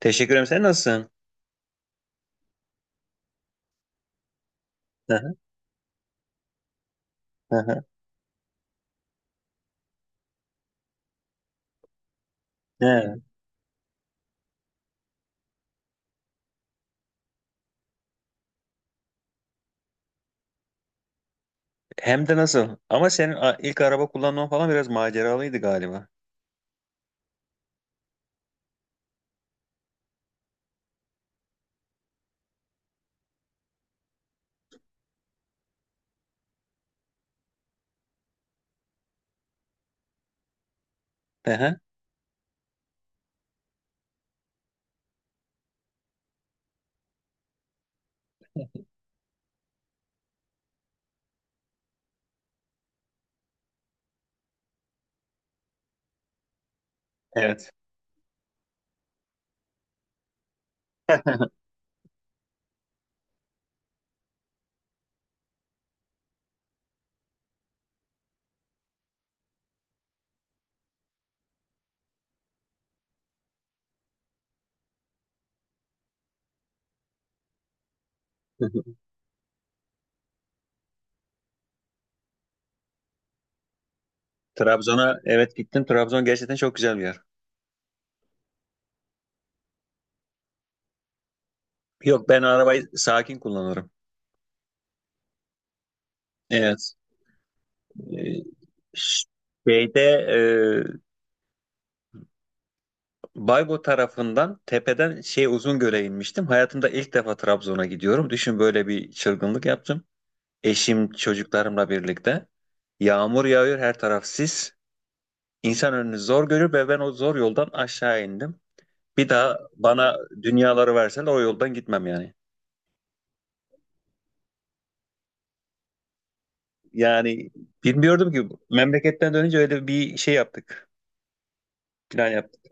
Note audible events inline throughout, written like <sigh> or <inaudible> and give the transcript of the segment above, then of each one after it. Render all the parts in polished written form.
Teşekkür ederim. Sen nasılsın? Hı hı, hı hı. He, hem de nasıl? Ama senin ilk araba kullanman falan biraz maceralıydı galiba. Hı hı. Evet. <laughs> Trabzon'a evet gittim. Trabzon gerçekten çok güzel bir yer. Yok, ben arabayı sakin kullanırım. Evet. Ee, ş- Şeyde Baybo tarafından tepeden şey Uzungöl'e inmiştim. Hayatımda ilk defa Trabzon'a gidiyorum. Düşün, böyle bir çılgınlık yaptım. Eşim çocuklarımla birlikte. Yağmur yağıyor, her taraf sis. İnsan önünü zor görür ve ben o zor yoldan aşağı indim. Bir daha bana dünyaları verseler o yoldan gitmem yani. Yani bilmiyordum ki, memleketten dönünce öyle bir şey yaptık. Plan yaptık.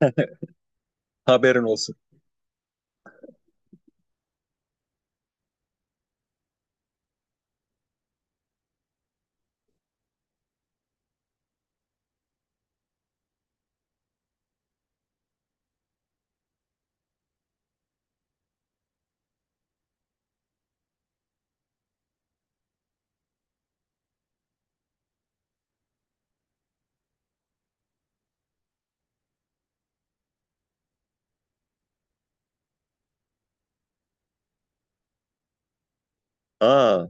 <laughs> Haberin olsun. Aa,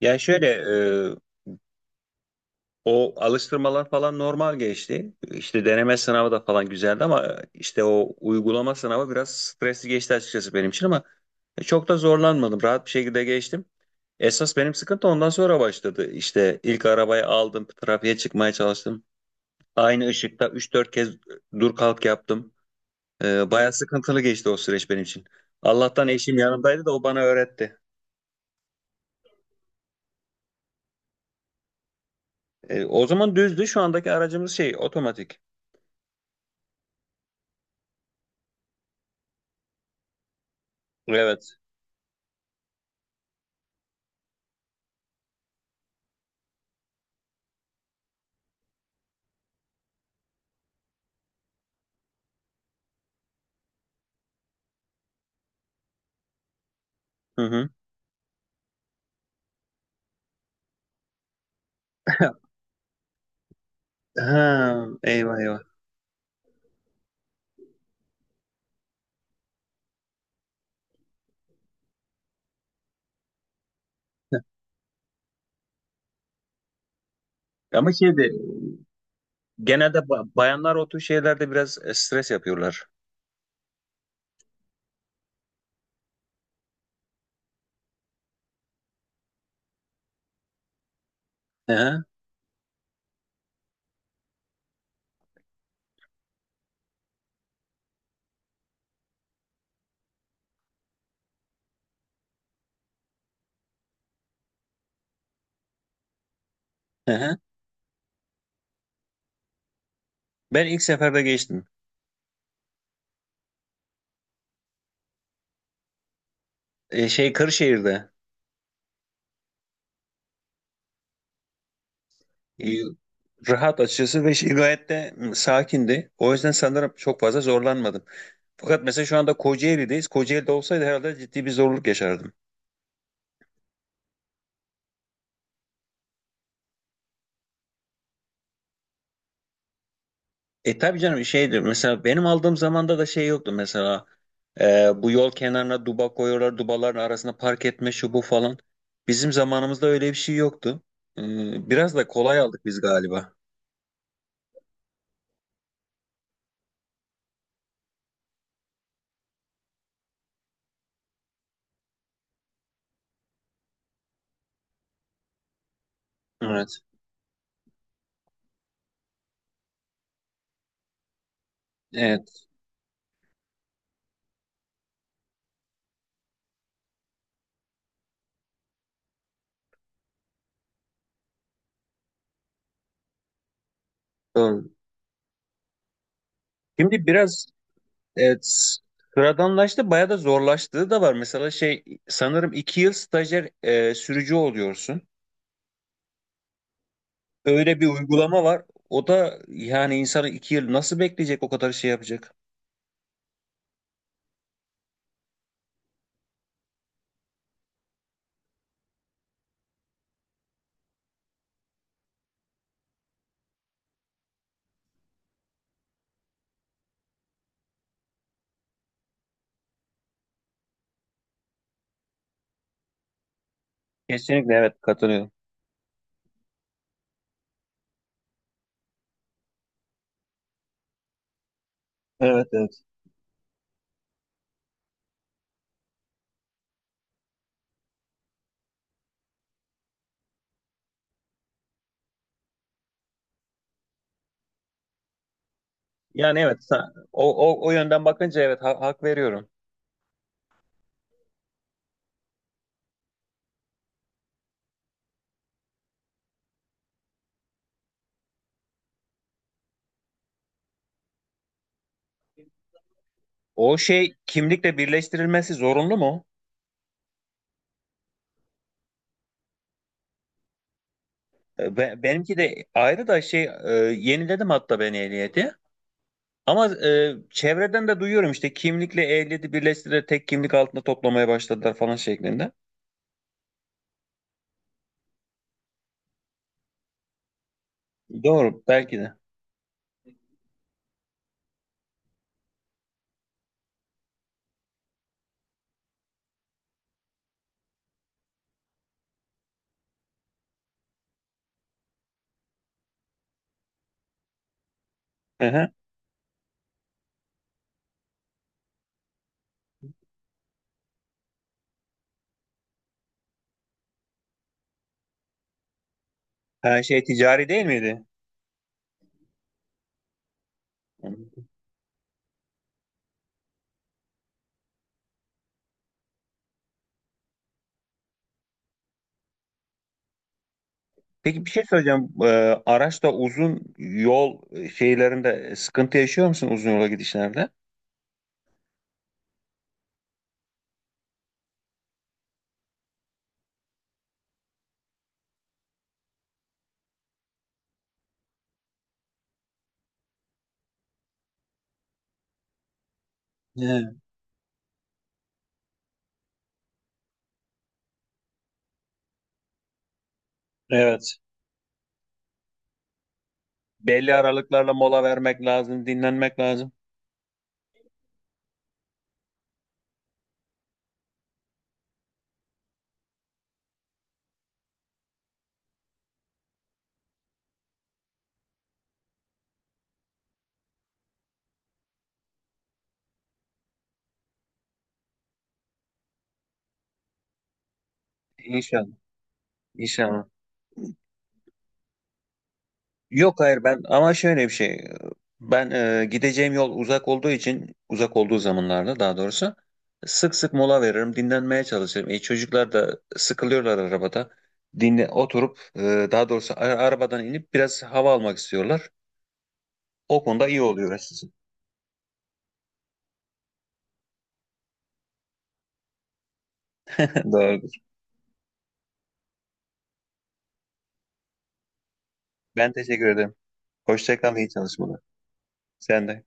yani şöyle, o alıştırmalar falan normal geçti. İşte deneme sınavı da falan güzeldi ama işte o uygulama sınavı biraz stresli geçti açıkçası benim için ama çok da zorlanmadım. Rahat bir şekilde geçtim. Esas benim sıkıntı ondan sonra başladı. İşte ilk arabayı aldım, trafiğe çıkmaya çalıştım. Aynı ışıkta üç dört kez dur kalk yaptım. Bayağı sıkıntılı geçti o süreç benim için. Allah'tan eşim yanımdaydı da o bana öğretti. O zaman düzdü. Şu andaki aracımız şey otomatik. Evet. Hı hı. <laughs> Ha, eyvah eyvah. Heh. Ama şeyde genelde bayanlar o tür şeylerde biraz stres yapıyorlar. Hı hı, hı hı. Ben ilk seferde geçtim. Şey, Kırşehir'de, e, rahat açıkçası ve şey, gayet de sakindi. O yüzden sanırım çok fazla zorlanmadım. Fakat mesela şu anda Kocaeli'deyiz. Kocaeli'de olsaydı herhalde ciddi bir zorluk yaşardım. E tabii canım, şeydir mesela benim aldığım zamanda da şey yoktu mesela, bu yol kenarına duba koyuyorlar, dubaların arasına park etme şu bu falan. Bizim zamanımızda öyle bir şey yoktu. E, Biraz da kolay aldık biz galiba. Evet. Evet, doğru. Şimdi biraz evet, sıradanlaştı, bayağı da zorlaştığı da var. Mesela şey sanırım iki yıl stajyer sürücü oluyorsun. Öyle bir uygulama var. O da yani insanı iki yıl nasıl bekleyecek o kadar şey yapacak? Kesinlikle evet, katılıyorum. Evet, evet. Yani evet, o yönden bakınca evet, hak veriyorum. O şey kimlikle birleştirilmesi zorunlu mu? Benimki de ayrı da şey, yeniledim hatta ben ehliyeti. Ama çevreden de duyuyorum, işte kimlikle ehliyeti birleştirerek tek kimlik altında toplamaya başladılar falan şeklinde. Doğru, belki de. Hı hı. Her şey ticari değil miydi? Hı. Peki, bir şey söyleyeceğim. Araçta uzun yol şeylerinde sıkıntı yaşıyor musun, uzun yola gidişlerde? He, evet. Belli aralıklarla mola vermek lazım, dinlenmek lazım. İnşallah. İnşallah. Yok, hayır, ben ama şöyle bir şey. Ben gideceğim yol uzak olduğu için, uzak olduğu zamanlarda daha doğrusu sık sık mola veririm, dinlenmeye çalışırım. E, çocuklar da sıkılıyorlar arabada. Dinle oturup daha doğrusu arabadan inip biraz hava almak istiyorlar. O konuda iyi oluyor açıkçası. <laughs> Doğru. Ben teşekkür ederim. Hoşça kal, iyi çalışmalar. Sen de.